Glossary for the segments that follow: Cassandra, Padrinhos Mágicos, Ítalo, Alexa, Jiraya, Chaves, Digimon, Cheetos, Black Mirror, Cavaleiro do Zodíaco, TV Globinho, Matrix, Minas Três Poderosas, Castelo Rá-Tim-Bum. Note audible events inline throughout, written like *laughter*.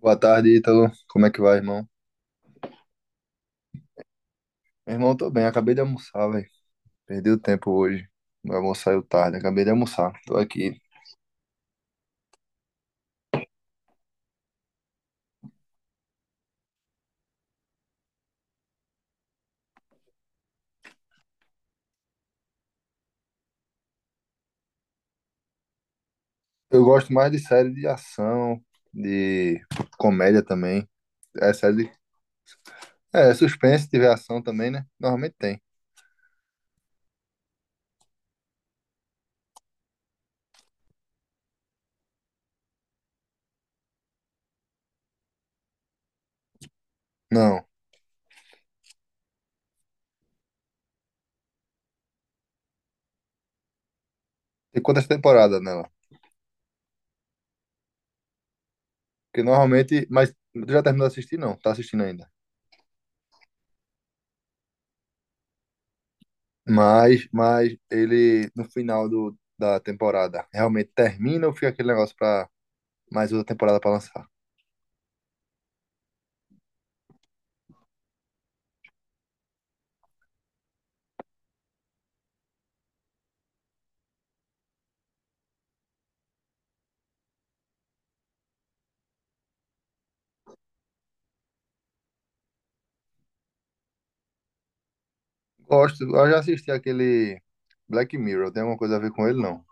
Boa tarde, Ítalo. Como é que vai, irmão? Meu irmão, tô bem. Acabei de almoçar, velho. Perdi o tempo hoje. Meu almoço saiu tarde. Acabei de almoçar. Tô aqui. Eu gosto mais de série de ação, de comédia também. É série de... É, é suspense, se tiver ação também, né? Normalmente tem. Não. Tem quantas temporadas nela? Porque normalmente... Mas tu já terminou de assistir? Não. Tá assistindo ainda. Mas ele, no final da temporada, realmente termina ou fica aquele negócio pra mais outra temporada pra lançar? Gosto, eu já assisti aquele Black Mirror, tem alguma coisa a ver com ele, não?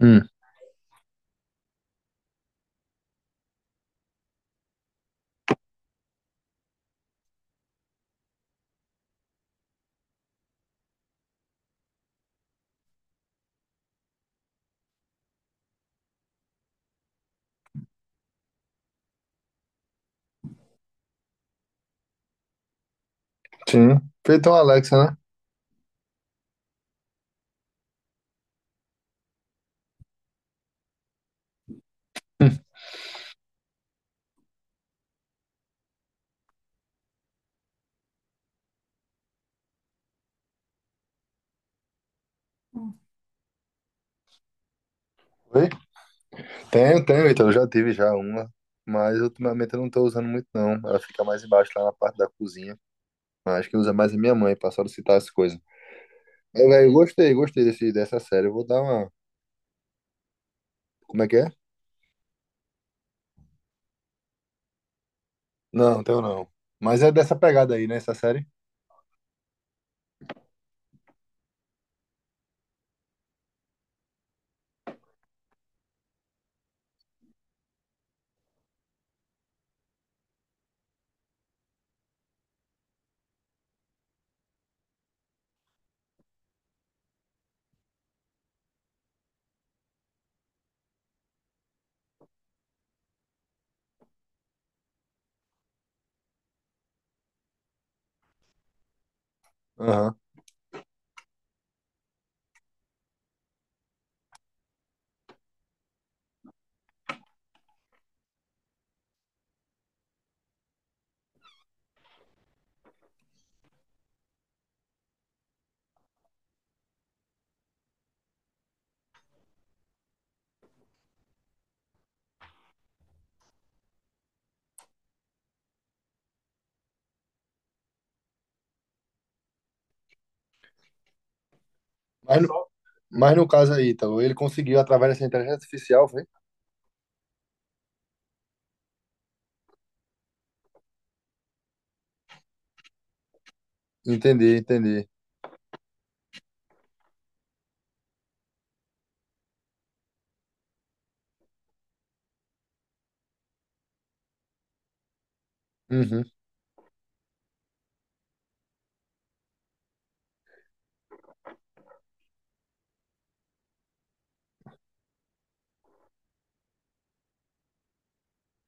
Hum. Sim. Feito uma Alexa, né? Oi? Tenho, então eu já tive já uma, mas ultimamente eu não tô usando muito, não. Ela fica mais embaixo, lá na parte da cozinha. Acho que usa mais a minha mãe pra solicitar as coisas. Eu, velho, gostei dessa série. Eu vou dar uma. Como é que é? Não, tenho não. Mas é dessa pegada aí, né, essa série? Aham. Mas, no, mas no caso aí, Ítalo, ele conseguiu, através dessa inteligência artificial, foi? Entender. Uhum.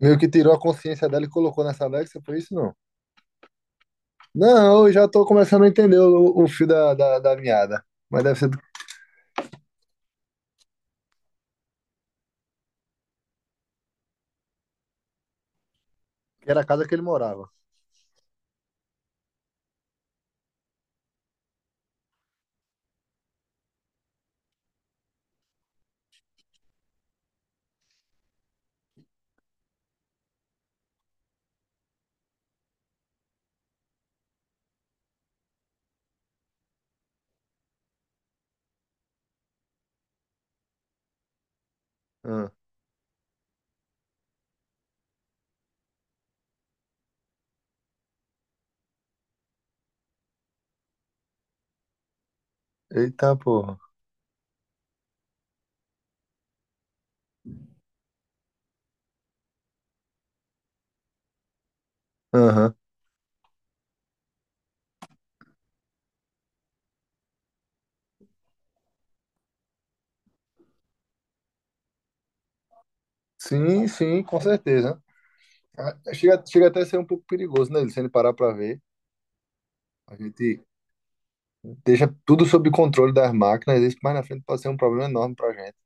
Meio que tirou a consciência dela e colocou nessa Alexa, por isso não. Não, eu já tô começando a entender o fio da meada. Mas deve ser do- que era a casa que ele morava. Ah. Eita porra. Aham. Sim, sim, com certeza. Ah, chega, chega até a ser um pouco perigoso, né? Se ele parar pra ver. A gente deixa tudo sob controle das máquinas, isso mais na frente pode ser um problema enorme para a gente.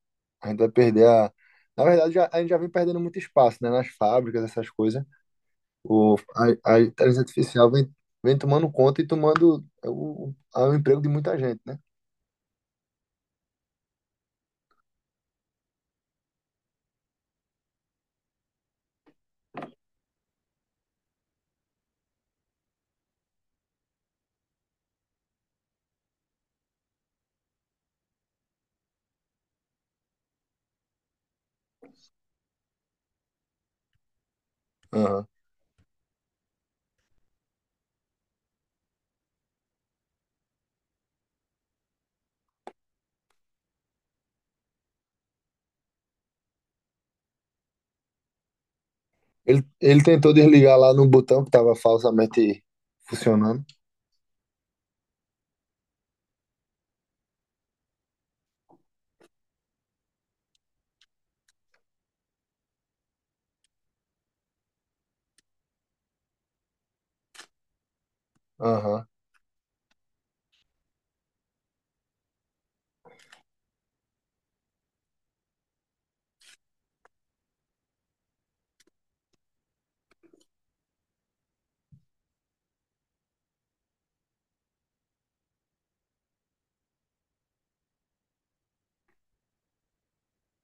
A gente vai perder a. Na verdade, já- a gente já vem perdendo muito espaço, né? Nas fábricas, essas coisas. O, a inteligência artificial vem, vem tomando conta e tomando o emprego de muita gente, né? Aham. Ele tentou desligar lá no botão que estava falsamente funcionando. Aham,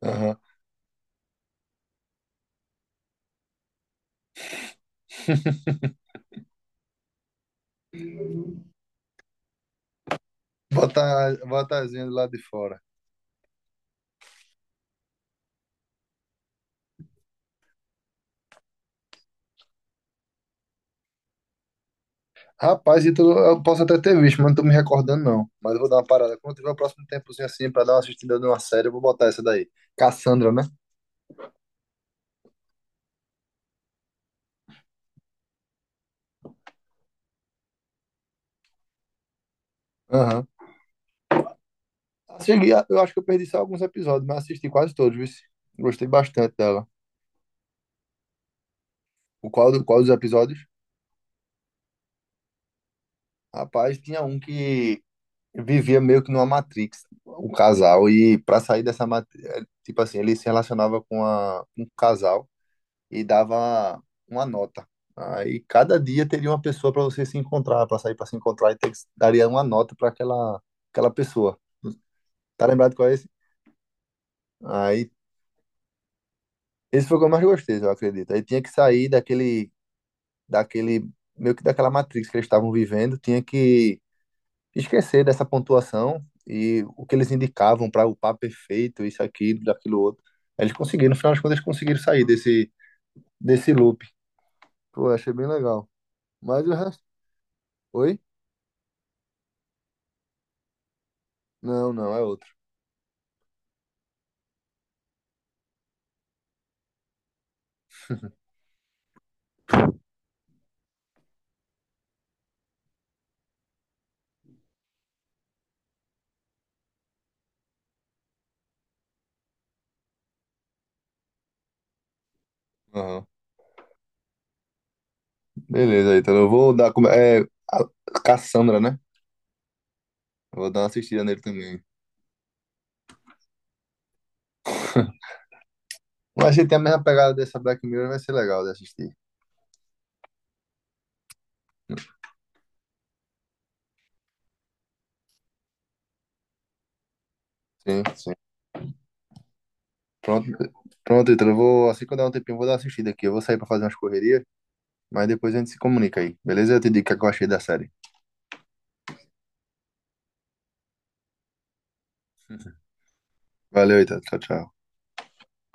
aham. Bota, bota as vendas lá de fora. Rapaz, Ítalo, eu posso até ter visto, mas não tô me recordando, não. Mas eu vou dar uma parada. Quando tiver o próximo tempozinho assim pra dar uma assistida numa série, eu vou botar essa daí. Cassandra, né? Aham. Assisti- Eu acho que eu perdi só alguns episódios, mas assisti quase todos, viu? Gostei bastante dela. O qual, do- qual dos episódios? Rapaz, tinha um que vivia meio que numa Matrix, o casal. E pra sair dessa Matrix, tipo assim, ele se relacionava com, a, com um casal. E dava uma nota. Aí cada dia teria uma pessoa para você se encontrar, para sair para se encontrar e ter que- daria uma nota para aquela aquela pessoa. Tá lembrado qual é esse? Aí esse foi o que eu mais gostei, eu acredito. Aí tinha que sair daquele daquele meio que daquela matrix que eles estavam vivendo, tinha que esquecer dessa pontuação e o que eles indicavam para o papo perfeito, isso aquilo, daquilo outro. Aí eles conseguiram, no final das contas, eles conseguiram sair desse desse loop. Pô, achei bem legal. Mas o resto, oi? Não, não, é outro. Aham. Beleza, então eu vou dar. Como- é, a Cassandra, né? Eu vou dar uma assistida nele também. *laughs* Mas se tem a mesma pegada dessa Black Mirror, vai ser legal de assistir. Sim, sim. Pronto, pronto, então eu vou, assim que eu der um tempinho, eu vou dar uma assistida aqui. Eu vou sair pra fazer umas correrias, mas depois a gente se comunica aí, beleza? Eu te digo o que é que eu achei da série. Valeu, então. Tchau, tchau.